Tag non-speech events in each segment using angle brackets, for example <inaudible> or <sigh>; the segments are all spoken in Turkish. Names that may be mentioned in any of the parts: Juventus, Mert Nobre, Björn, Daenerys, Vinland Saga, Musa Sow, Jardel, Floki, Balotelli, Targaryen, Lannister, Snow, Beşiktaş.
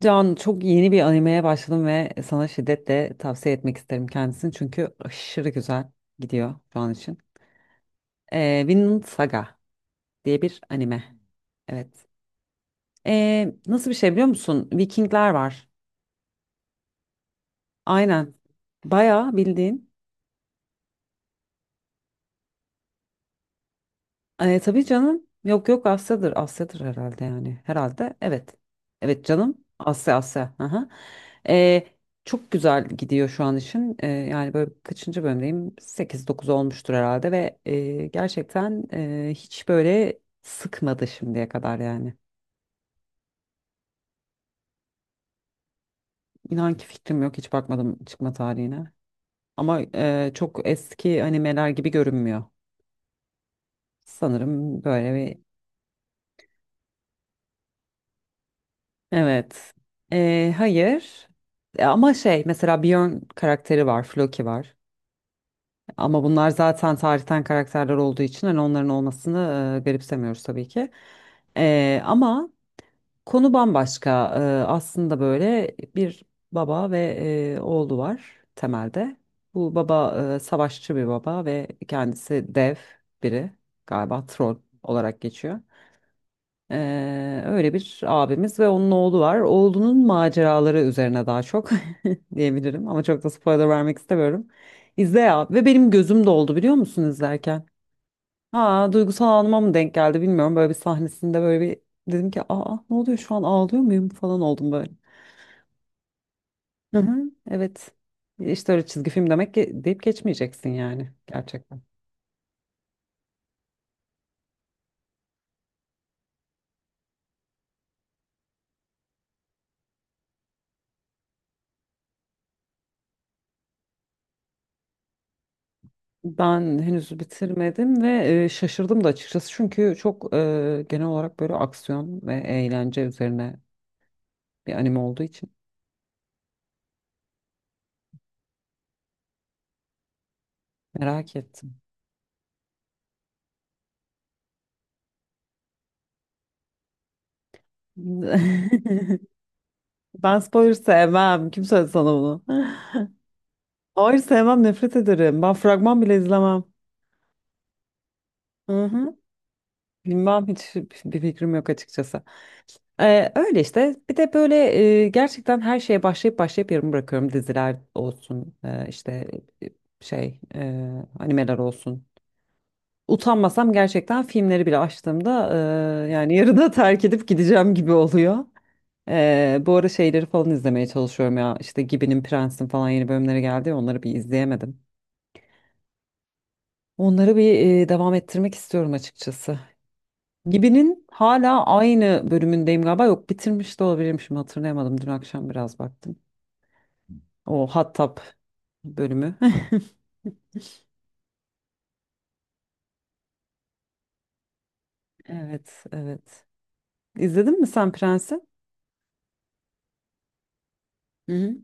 Can, çok yeni bir animeye başladım ve sana şiddetle tavsiye etmek isterim kendisini çünkü aşırı güzel gidiyor şu an için. Vinland Saga diye bir anime. Evet. Nasıl bir şey biliyor musun? Vikingler var. Aynen. Bayağı bildiğin. Tabii canım. Yok yok, Asya'dır. Asya'dır herhalde yani. Herhalde evet. Evet canım. Asya Asya. Aha. E, Çok güzel gidiyor şu an işin. Yani böyle kaçıncı bölümdeyim? Sekiz 9 olmuştur herhalde ve gerçekten hiç böyle sıkmadı şimdiye kadar yani. İnan ki fikrim yok. Hiç bakmadım çıkma tarihine. Ama çok eski animeler gibi görünmüyor. Sanırım böyle. Evet. Hayır. Ama şey mesela Björn karakteri var, Floki var. Ama bunlar zaten tarihten karakterler olduğu için hani onların olmasını garipsemiyoruz tabii ki. Ama konu bambaşka. Aslında böyle bir baba ve oğlu var temelde. Bu baba savaşçı bir baba ve kendisi dev biri, galiba troll olarak geçiyor. Öyle bir abimiz ve onun oğlu var. Oğlunun maceraları üzerine daha çok <laughs> diyebilirim ama çok da spoiler vermek istemiyorum. İzle ya, ve benim gözüm doldu biliyor musun izlerken? Ha, duygusal anıma mı denk geldi bilmiyorum. Böyle bir sahnesinde böyle bir dedim ki, aa ne oluyor şu an, ağlıyor muyum falan oldum böyle. Hı hı, evet. İşte öyle, çizgi film demek ki deyip geçmeyeceksin yani gerçekten. Ben henüz bitirmedim ve şaşırdım da açıkçası çünkü çok genel olarak böyle aksiyon ve eğlence üzerine bir anime olduğu için merak ettim. <laughs> Ben spoiler sevmem. Kim söyledi sana bunu? Hayır sevmem, nefret ederim. Ben fragman bile izlemem. Hı hı. Bilmem, hiç bir fikrim yok açıkçası. Öyle işte. Bir de böyle gerçekten her şeye başlayıp başlayıp yarım bırakıyorum. Diziler olsun, işte e, şey, animeler olsun. Utanmasam gerçekten filmleri bile açtığımda yani yarıda terk edip gideceğim gibi oluyor. Bu ara şeyleri falan izlemeye çalışıyorum ya. İşte Gibi'nin, Prens'in falan yeni bölümleri geldi ya, onları bir izleyemedim. Onları bir devam ettirmek istiyorum açıkçası. Gibi'nin hala aynı bölümündeyim galiba. Yok, bitirmiş de olabilirim, şimdi hatırlayamadım. Dün akşam biraz baktım. O Hattab bölümü. <laughs> Evet, evet. İzledin mi sen Prens'i? Hı hı.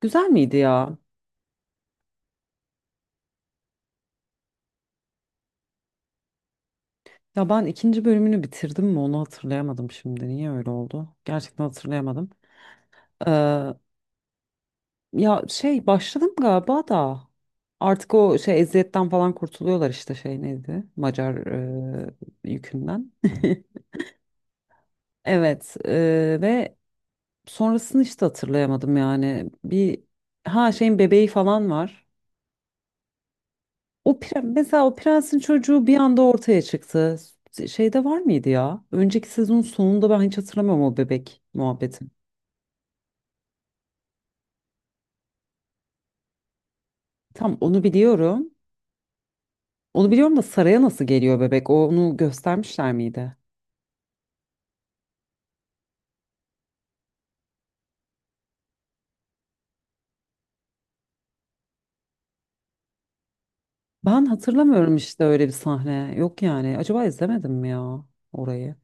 Güzel miydi ya? Ya ben ikinci bölümünü bitirdim mi onu hatırlayamadım şimdi. Niye öyle oldu? Gerçekten hatırlayamadım. Ee, Ya şey başladım galiba da artık o şey eziyetten falan kurtuluyorlar işte, şey neydi? Macar yükünden. <laughs> Evet, ve sonrasını işte hatırlayamadım yani. Bir, ha, şeyin bebeği falan var. O mesela o prensin çocuğu bir anda ortaya çıktı. Şeyde var mıydı ya? Önceki sezonun sonunda ben hiç hatırlamıyorum o bebek muhabbeti. Tam onu biliyorum. Onu biliyorum da, saraya nasıl geliyor bebek? Onu göstermişler miydi? Ben hatırlamıyorum işte öyle bir sahne. Yok yani. Acaba izlemedim mi ya orayı?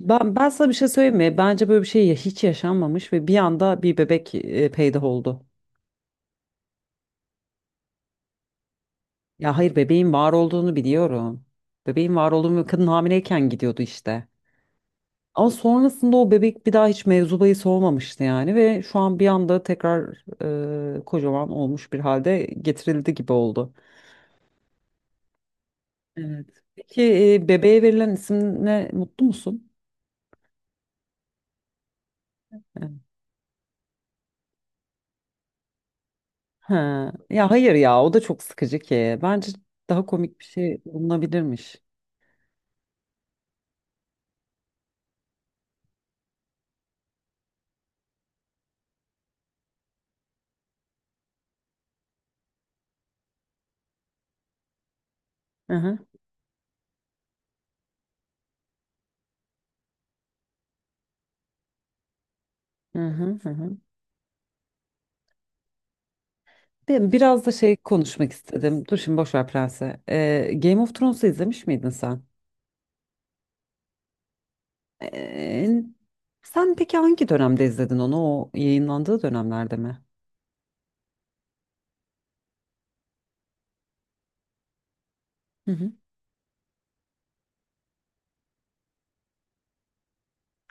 Ben sana bir şey söyleyeyim mi? Bence böyle bir şey hiç yaşanmamış ve bir anda bir bebek peyda oldu. Ya hayır, bebeğin var olduğunu biliyorum. Bebeğin var olduğunu ve kadın hamileyken gidiyordu işte. Ama sonrasında o bebek bir daha hiç mevzu bahis olmamıştı yani, ve şu an bir anda tekrar kocaman olmuş bir halde getirildi gibi oldu. Evet. Peki bebeğe verilen isimle mutlu musun? Yani, ha. Ya hayır ya, o da çok sıkıcı ki. Bence daha komik bir şey bulunabilirmiş. Hı hı, hı hı, hı hı. Ben biraz da şey konuşmak istedim. Dur şimdi, boş ver Prens'e. Game of Thrones'u izlemiş miydin sen? Ee, Sen peki hangi dönemde izledin onu? O yayınlandığı dönemlerde mi? Hı hı.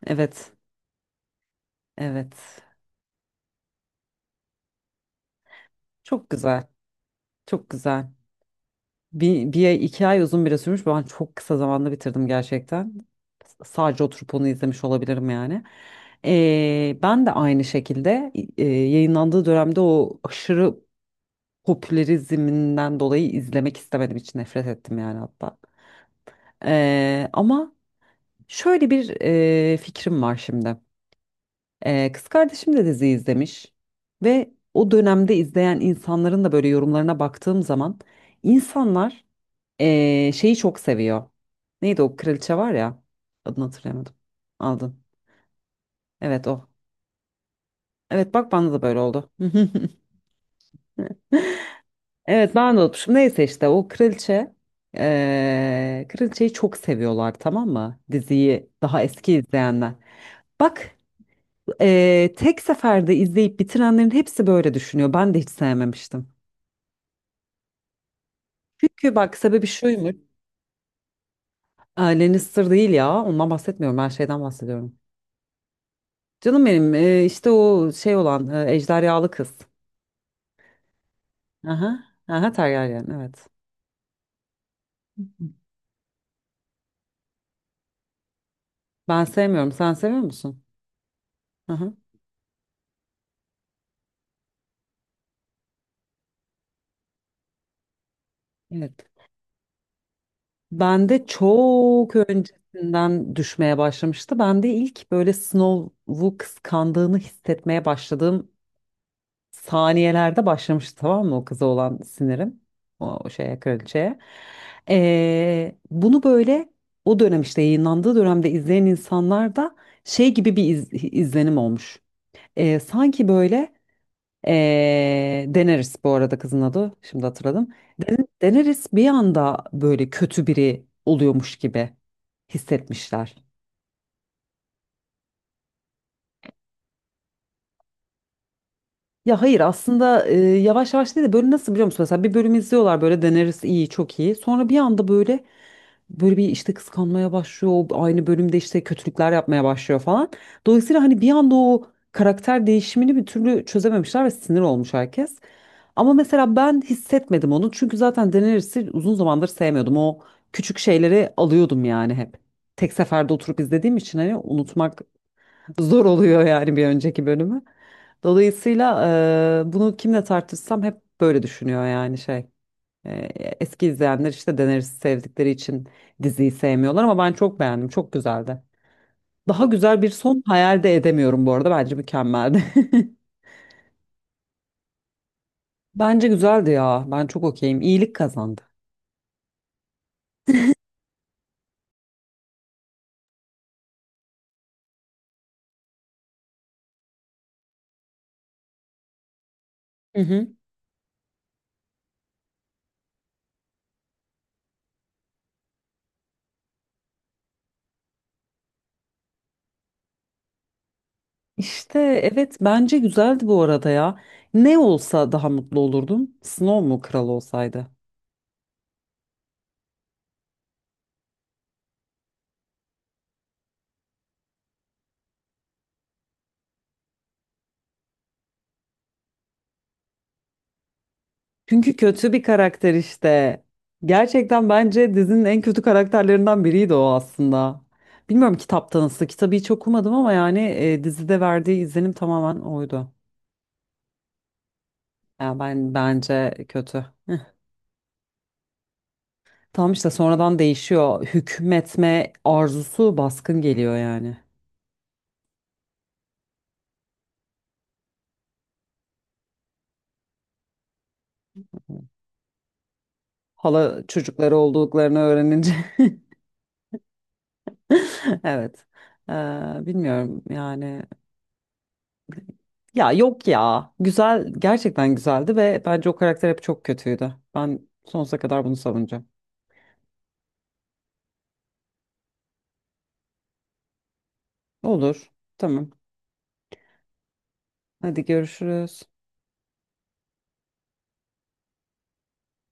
Evet, evet. Çok güzel, çok güzel. Bir ay, iki ay uzun bile sürmüş. Ben çok kısa zamanda bitirdim gerçekten. Sadece oturup onu izlemiş olabilirim yani. Ben de aynı şekilde yayınlandığı dönemde o aşırı popülerizminden dolayı izlemek istemedim. Hiç nefret ettim yani hatta. Ama şöyle bir fikrim var şimdi. Kız kardeşim de dizi izlemiş. Ve o dönemde izleyen insanların da böyle yorumlarına baktığım zaman, insanlar şeyi çok seviyor. Neydi o kraliçe var ya. Adını hatırlayamadım. Aldın. Evet, o. Evet, bak bana da böyle oldu. <laughs> Evet, ben de unutmuşum. Neyse işte o kraliçe. Kraliçeyi çok seviyorlar tamam mı? Diziyi daha eski izleyenler. Bak, tek seferde izleyip bitirenlerin hepsi böyle düşünüyor. Ben de hiç sevmemiştim. Çünkü bak, sebebi şuymuş. Aa, Lannister değil ya. Ondan bahsetmiyorum. Ben şeyden bahsediyorum. Canım benim, işte o şey olan, ejderhalı kız. Aha, aha, Tergaryen, evet. Ben sevmiyorum. Sen seviyor musun? Aha, evet. Ben de çok öncesinden düşmeye başlamıştı. Ben de ilk böyle Snow'u kıskandığını hissetmeye başladığım saniyelerde başlamıştı, tamam mı, o kıza olan sinirim. O şeye, kraliçeye. Bunu böyle o dönem, işte yayınlandığı dönemde izleyen insanlar da şey gibi bir izlenim olmuş. Sanki böyle. Daenerys bu arada kızın adı. Şimdi hatırladım. Daenerys bir anda böyle kötü biri oluyormuş gibi hissetmişler. Ya hayır, aslında yavaş yavaş değil de böyle, nasıl biliyor musun? Mesela bir bölüm izliyorlar, böyle deneriz iyi, çok iyi. Sonra bir anda böyle bir işte kıskanmaya başlıyor. O aynı bölümde işte kötülükler yapmaya başlıyor falan. Dolayısıyla hani bir anda o karakter değişimini bir türlü çözememişler ve sinir olmuş herkes. Ama mesela ben hissetmedim onu. Çünkü zaten Daenerys'i uzun zamandır sevmiyordum. O küçük şeyleri alıyordum yani hep. Tek seferde oturup izlediğim için hani unutmak zor oluyor yani bir önceki bölümü. Dolayısıyla bunu kimle tartışsam hep böyle düşünüyor yani şey. E, Eski izleyenler işte Daenerys'i sevdikleri için diziyi sevmiyorlar ama ben çok beğendim. Çok güzeldi. Daha güzel bir son hayal de edemiyorum bu arada. Bence mükemmeldi. <laughs> Bence güzeldi ya. Ben çok okeyim. İyilik kazandı. Hı hı. İşte evet, bence güzeldi bu arada ya. Ne olsa daha mutlu olurdum. Snow mu kral olsaydı? Çünkü kötü bir karakter işte. Gerçekten bence dizinin en kötü karakterlerinden biriydi o aslında. Bilmiyorum kitapta nasıl. Kitabı hiç okumadım ama yani dizide verdiği izlenim tamamen oydu. Yani ben, bence kötü. <laughs> Tam işte sonradan değişiyor. Hükmetme arzusu baskın geliyor yani. Hala çocukları olduklarını öğrenince. <laughs> Evet. Ee, Bilmiyorum yani. Ya yok ya. Güzel, gerçekten güzeldi ve bence o karakter hep çok kötüydü. Ben sonsuza kadar bunu savunacağım. Olur. Tamam. Hadi görüşürüz.